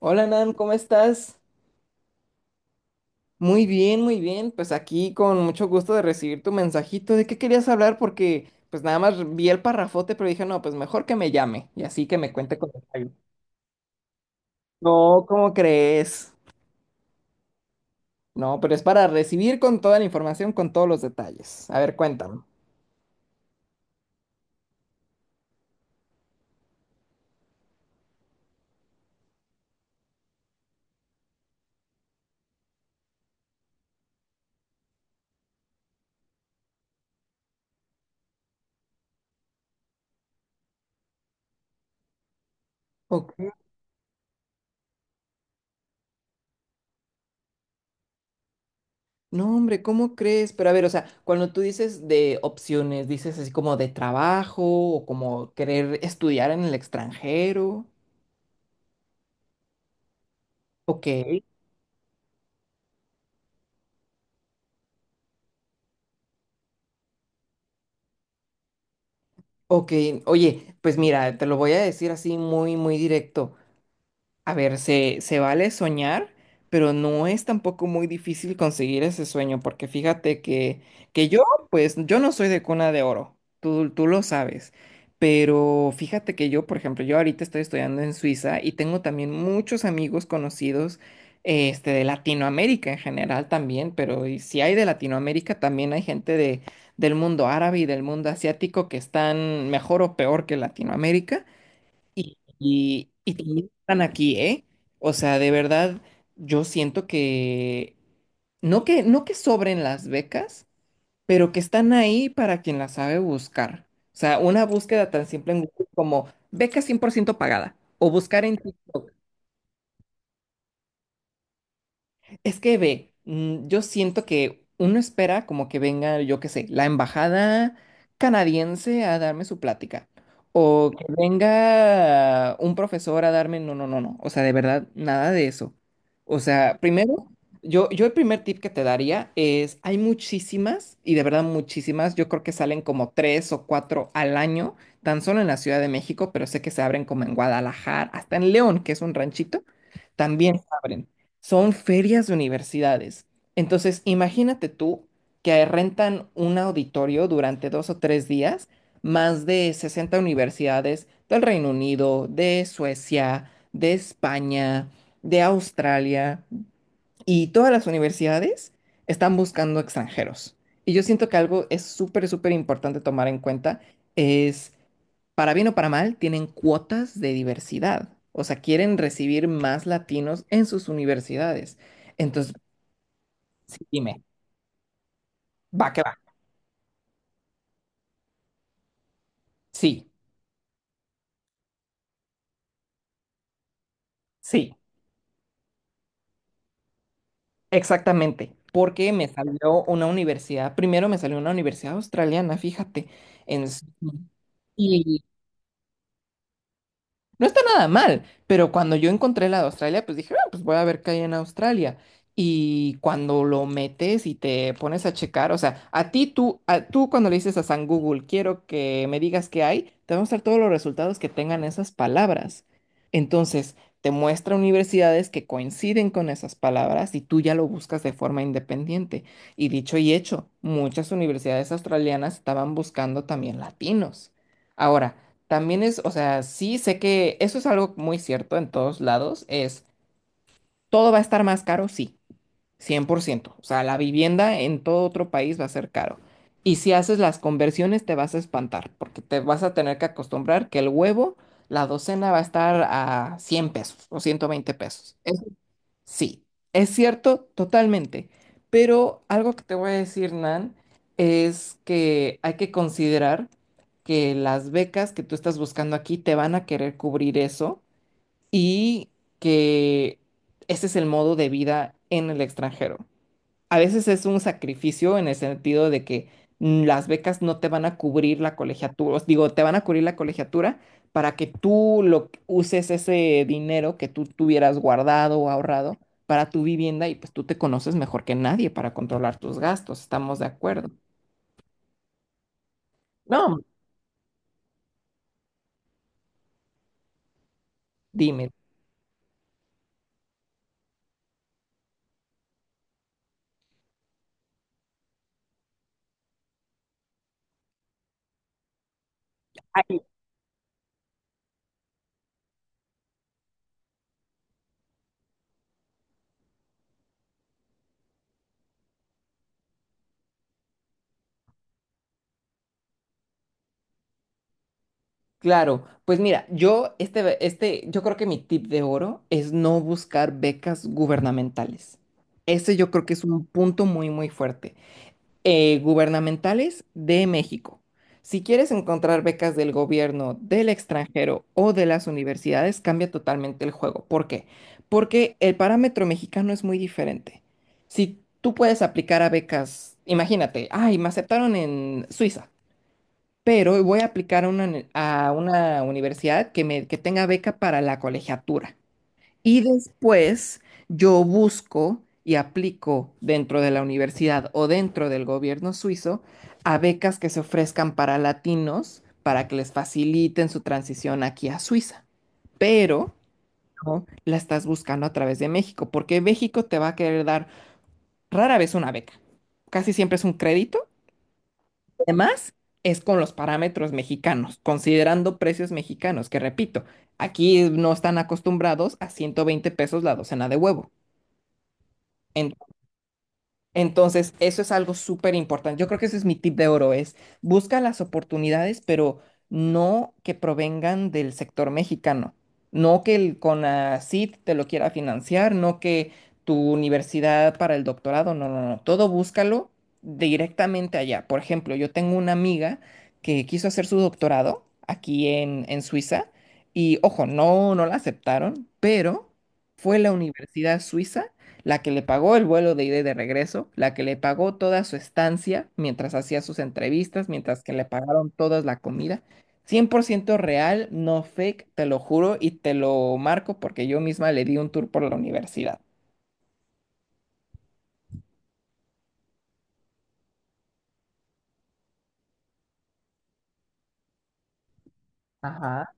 Hola Nan, ¿cómo estás? Muy bien, muy bien. Pues aquí con mucho gusto de recibir tu mensajito. ¿De qué querías hablar? Porque pues nada más vi el parrafote, pero dije, no, pues mejor que me llame y así que me cuente con detalle. No, ¿cómo crees? No, pero es para recibir con toda la información, con todos los detalles. A ver, cuéntame. Ok. No, hombre, ¿cómo crees? Pero a ver, o sea, cuando tú dices de opciones, dices así como de trabajo o como querer estudiar en el extranjero. Ok. Ok, oye, pues mira, te lo voy a decir así muy, muy directo. A ver, se vale soñar, pero no es tampoco muy difícil conseguir ese sueño, porque fíjate que yo, pues, yo no soy de cuna de oro, tú lo sabes, pero fíjate que yo, por ejemplo, yo ahorita estoy estudiando en Suiza y tengo también muchos amigos conocidos, de Latinoamérica en general también, pero y si hay de Latinoamérica, también hay gente de, del mundo árabe y del mundo asiático que están mejor o peor que Latinoamérica. Y también están aquí, ¿eh? O sea, de verdad, yo siento que no que sobren las becas, pero que están ahí para quien las sabe buscar. O sea, una búsqueda tan simple en Google como beca 100% pagada o buscar en TikTok. Es que ve, yo siento que uno espera como que venga, yo qué sé, la embajada canadiense a darme su plática. O que venga un profesor a darme, no, no, no, no. O sea, de verdad, nada de eso. O sea, primero, yo el primer tip que te daría es, hay muchísimas, y de verdad muchísimas, yo creo que salen como tres o cuatro al año, tan solo en la Ciudad de México, pero sé que se abren como en Guadalajara, hasta en León, que es un ranchito, también se abren, son ferias de universidades. Entonces, imagínate tú que rentan un auditorio durante dos o tres días, más de 60 universidades del Reino Unido, de Suecia, de España, de Australia, y todas las universidades están buscando extranjeros. Y yo siento que algo es súper, súper importante tomar en cuenta es, para bien o para mal, tienen cuotas de diversidad. O sea, quieren recibir más latinos en sus universidades. Entonces, sí, dime, va que va. Sí, sí, exactamente. Porque me salió una universidad, primero me salió una universidad australiana, fíjate, en Sydney. No está nada mal, pero cuando yo encontré la de Australia, pues dije: "Ah, pues voy a ver qué hay en Australia". Y cuando lo metes y te pones a checar, o sea, a ti tú, a- tú cuando le dices a San Google, quiero que me digas qué hay, te va a mostrar todos los resultados que tengan esas palabras. Entonces, te muestra universidades que coinciden con esas palabras y tú ya lo buscas de forma independiente. Y dicho y hecho, muchas universidades australianas estaban buscando también latinos. Ahora, también es, o sea, sí sé que eso es algo muy cierto en todos lados, es, todo va a estar más caro, sí, 100%. O sea, la vivienda en todo otro país va a ser caro. Y si haces las conversiones te vas a espantar, porque te vas a tener que acostumbrar que el huevo, la docena va a estar a 100 pesos o 120 pesos. Sí, es cierto totalmente, pero algo que te voy a decir, Nan, es que hay que considerar que las becas que tú estás buscando aquí te van a querer cubrir eso y que ese es el modo de vida en el extranjero, a veces es un sacrificio en el sentido de que las becas no te van a cubrir la colegiatura, os digo, te van a cubrir la colegiatura para que uses ese dinero que tú tuvieras guardado o ahorrado para tu vivienda y pues tú te conoces mejor que nadie para controlar tus gastos, estamos de acuerdo. No, dime. Ay, claro, pues mira, yo este yo creo que mi tip de oro es no buscar becas gubernamentales. Ese yo creo que es un punto muy muy fuerte, gubernamentales de México. Si quieres encontrar becas del gobierno, del extranjero o de las universidades, cambia totalmente el juego. ¿Por qué? Porque el parámetro mexicano es muy diferente. Si tú puedes aplicar a becas, imagínate, ay, me aceptaron en Suiza, pero voy a aplicar a una, a una universidad que, me, que tenga beca para la colegiatura. Y después yo busco y aplico dentro de la universidad o dentro del gobierno suizo a becas que se ofrezcan para latinos para que les faciliten su transición aquí a Suiza. Pero no la estás buscando a través de México, porque México te va a querer dar rara vez una beca. Casi siempre es un crédito. Además, es con los parámetros mexicanos, considerando precios mexicanos, que repito, aquí no están acostumbrados a 120 pesos la docena de huevo. Entonces, eso es algo súper importante. Yo creo que ese es mi tip de oro, es busca las oportunidades, pero no que provengan del sector mexicano. No que el CONACYT te lo quiera financiar, no que tu universidad para el doctorado, no, no, no. Todo búscalo directamente allá. Por ejemplo, yo tengo una amiga que quiso hacer su doctorado aquí en Suiza y, ojo, no, no la aceptaron, pero fue la universidad suiza la que le pagó el vuelo de ida y de regreso, la que le pagó toda su estancia mientras hacía sus entrevistas, mientras que le pagaron toda la comida. Cien por ciento real, no fake, te lo juro y te lo marco porque yo misma le di un tour por la universidad. Ajá,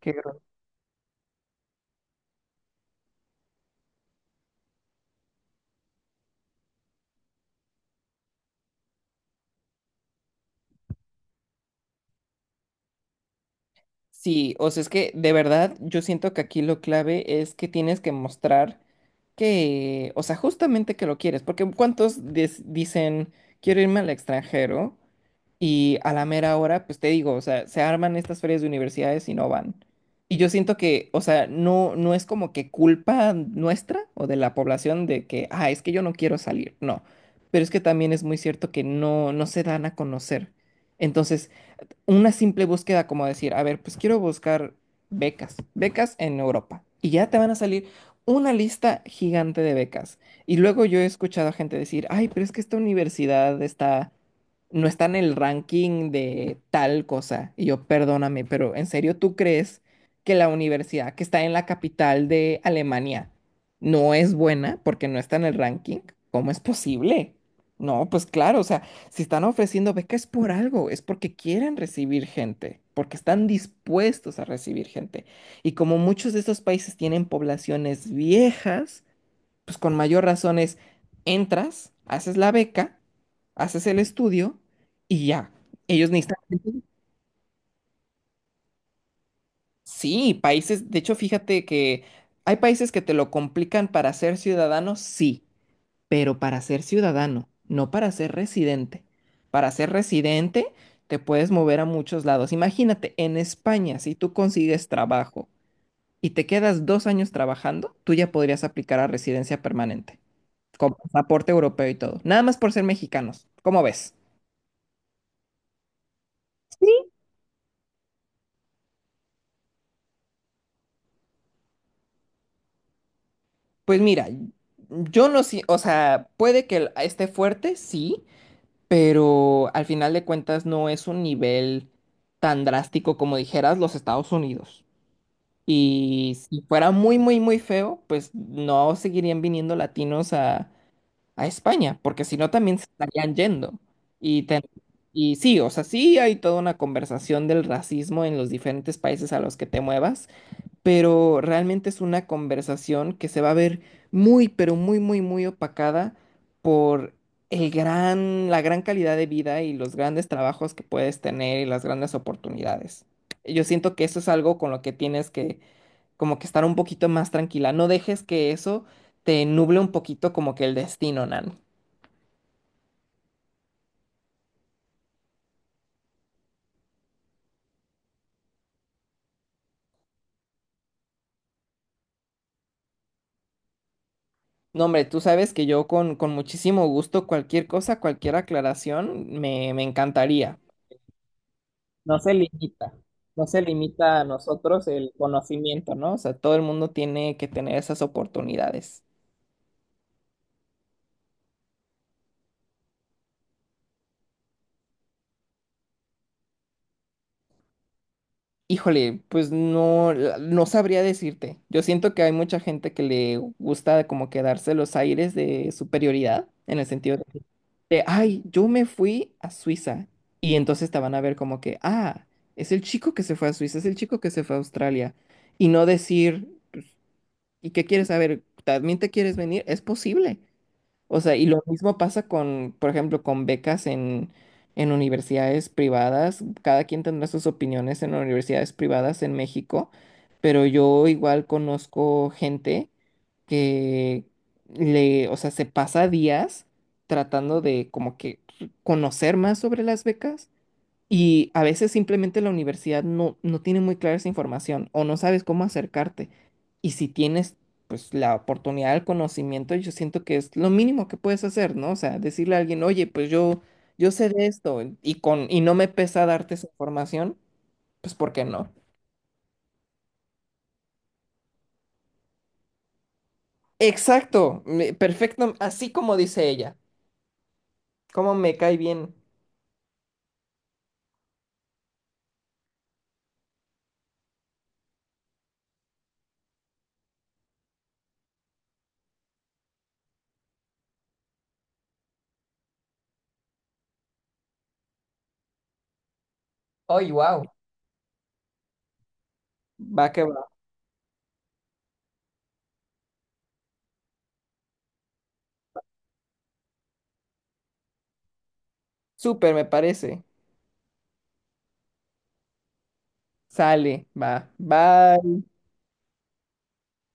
qué gro- sí, o sea, es que de verdad yo siento que aquí lo clave es que tienes que mostrar que, o sea, justamente que lo quieres, porque ¿cuántos dicen, quiero irme al extranjero? Y a la mera hora, pues te digo, o sea, se arman estas ferias de universidades y no van. Y yo siento que, o sea, no, no es como que culpa nuestra o de la población de que, ah, es que yo no quiero salir. No. Pero es que también es muy cierto que no, no se dan a conocer. Entonces, una simple búsqueda como decir, a ver, pues quiero buscar becas, becas en Europa. Y ya te van a salir una lista gigante de becas. Y luego yo he escuchado a gente decir, ay, pero es que esta universidad está, no está en el ranking de tal cosa. Y yo, perdóname, pero ¿en serio tú crees que la universidad que está en la capital de Alemania no es buena porque no está en el ranking? ¿Cómo es posible? No, pues claro, o sea, si están ofreciendo beca es por algo, es porque quieren recibir gente, porque están dispuestos a recibir gente. Y como muchos de estos países tienen poblaciones viejas, pues con mayor razón es, entras, haces la beca, haces el estudio y ya. Ellos necesitan... gente. Sí, países, de hecho, fíjate que hay países que te lo complican para ser ciudadano, sí, pero para ser ciudadano, no para ser residente. Para ser residente te puedes mover a muchos lados. Imagínate, en España, si tú consigues trabajo y te quedas dos años trabajando, tú ya podrías aplicar a residencia permanente, con pasaporte europeo y todo, nada más por ser mexicanos. ¿Cómo ves? Sí, pues mira, yo no sé, o sea, puede que esté fuerte, sí, pero al final de cuentas no es un nivel tan drástico como dijeras los Estados Unidos. Y si fuera muy, muy, muy feo, pues no seguirían viniendo latinos a España, porque si no también se estarían yendo. Y, y sí, o sea, sí hay toda una conversación del racismo en los diferentes países a los que te muevas, pero realmente es una conversación que se va a ver muy, pero muy, muy, muy opacada por el gran, la gran calidad de vida y los grandes trabajos que puedes tener y las grandes oportunidades. Yo siento que eso es algo con lo que tienes que como que estar un poquito más tranquila. No dejes que eso te nuble un poquito como que el destino, Nan. No, hombre, tú sabes que yo con muchísimo gusto cualquier cosa, cualquier aclaración, me encantaría. No se limita, no se limita a nosotros el conocimiento, ¿no? O sea, todo el mundo tiene que tener esas oportunidades. Híjole, pues no, no sabría decirte. Yo siento que hay mucha gente que le gusta como que darse los aires de superioridad, en el sentido de, ay, yo me fui a Suiza. Y entonces te van a ver como que, ah, es el chico que se fue a Suiza, es el chico que se fue a Australia. Y no decir, ¿y qué quieres saber? ¿También te quieres venir? Es posible. O sea, y lo mismo pasa con, por ejemplo, con becas en universidades privadas. Cada quien tendrá sus opiniones en universidades privadas en México, pero yo igual conozco gente que le, o sea, se pasa días tratando de como que conocer más sobre las becas y a veces simplemente la universidad no, no tiene muy clara esa información o no sabes cómo acercarte. Y si tienes pues la oportunidad del conocimiento, yo siento que es lo mínimo que puedes hacer, ¿no? O sea, decirle a alguien, oye, pues yo sé de esto y, con, y no me pesa darte esa información, pues ¿por qué no? Exacto, perfecto, así como dice ella. ¿Cómo me cae bien? ¡Ay, wow! Va que va. Súper, me parece. Sale, va. Bye.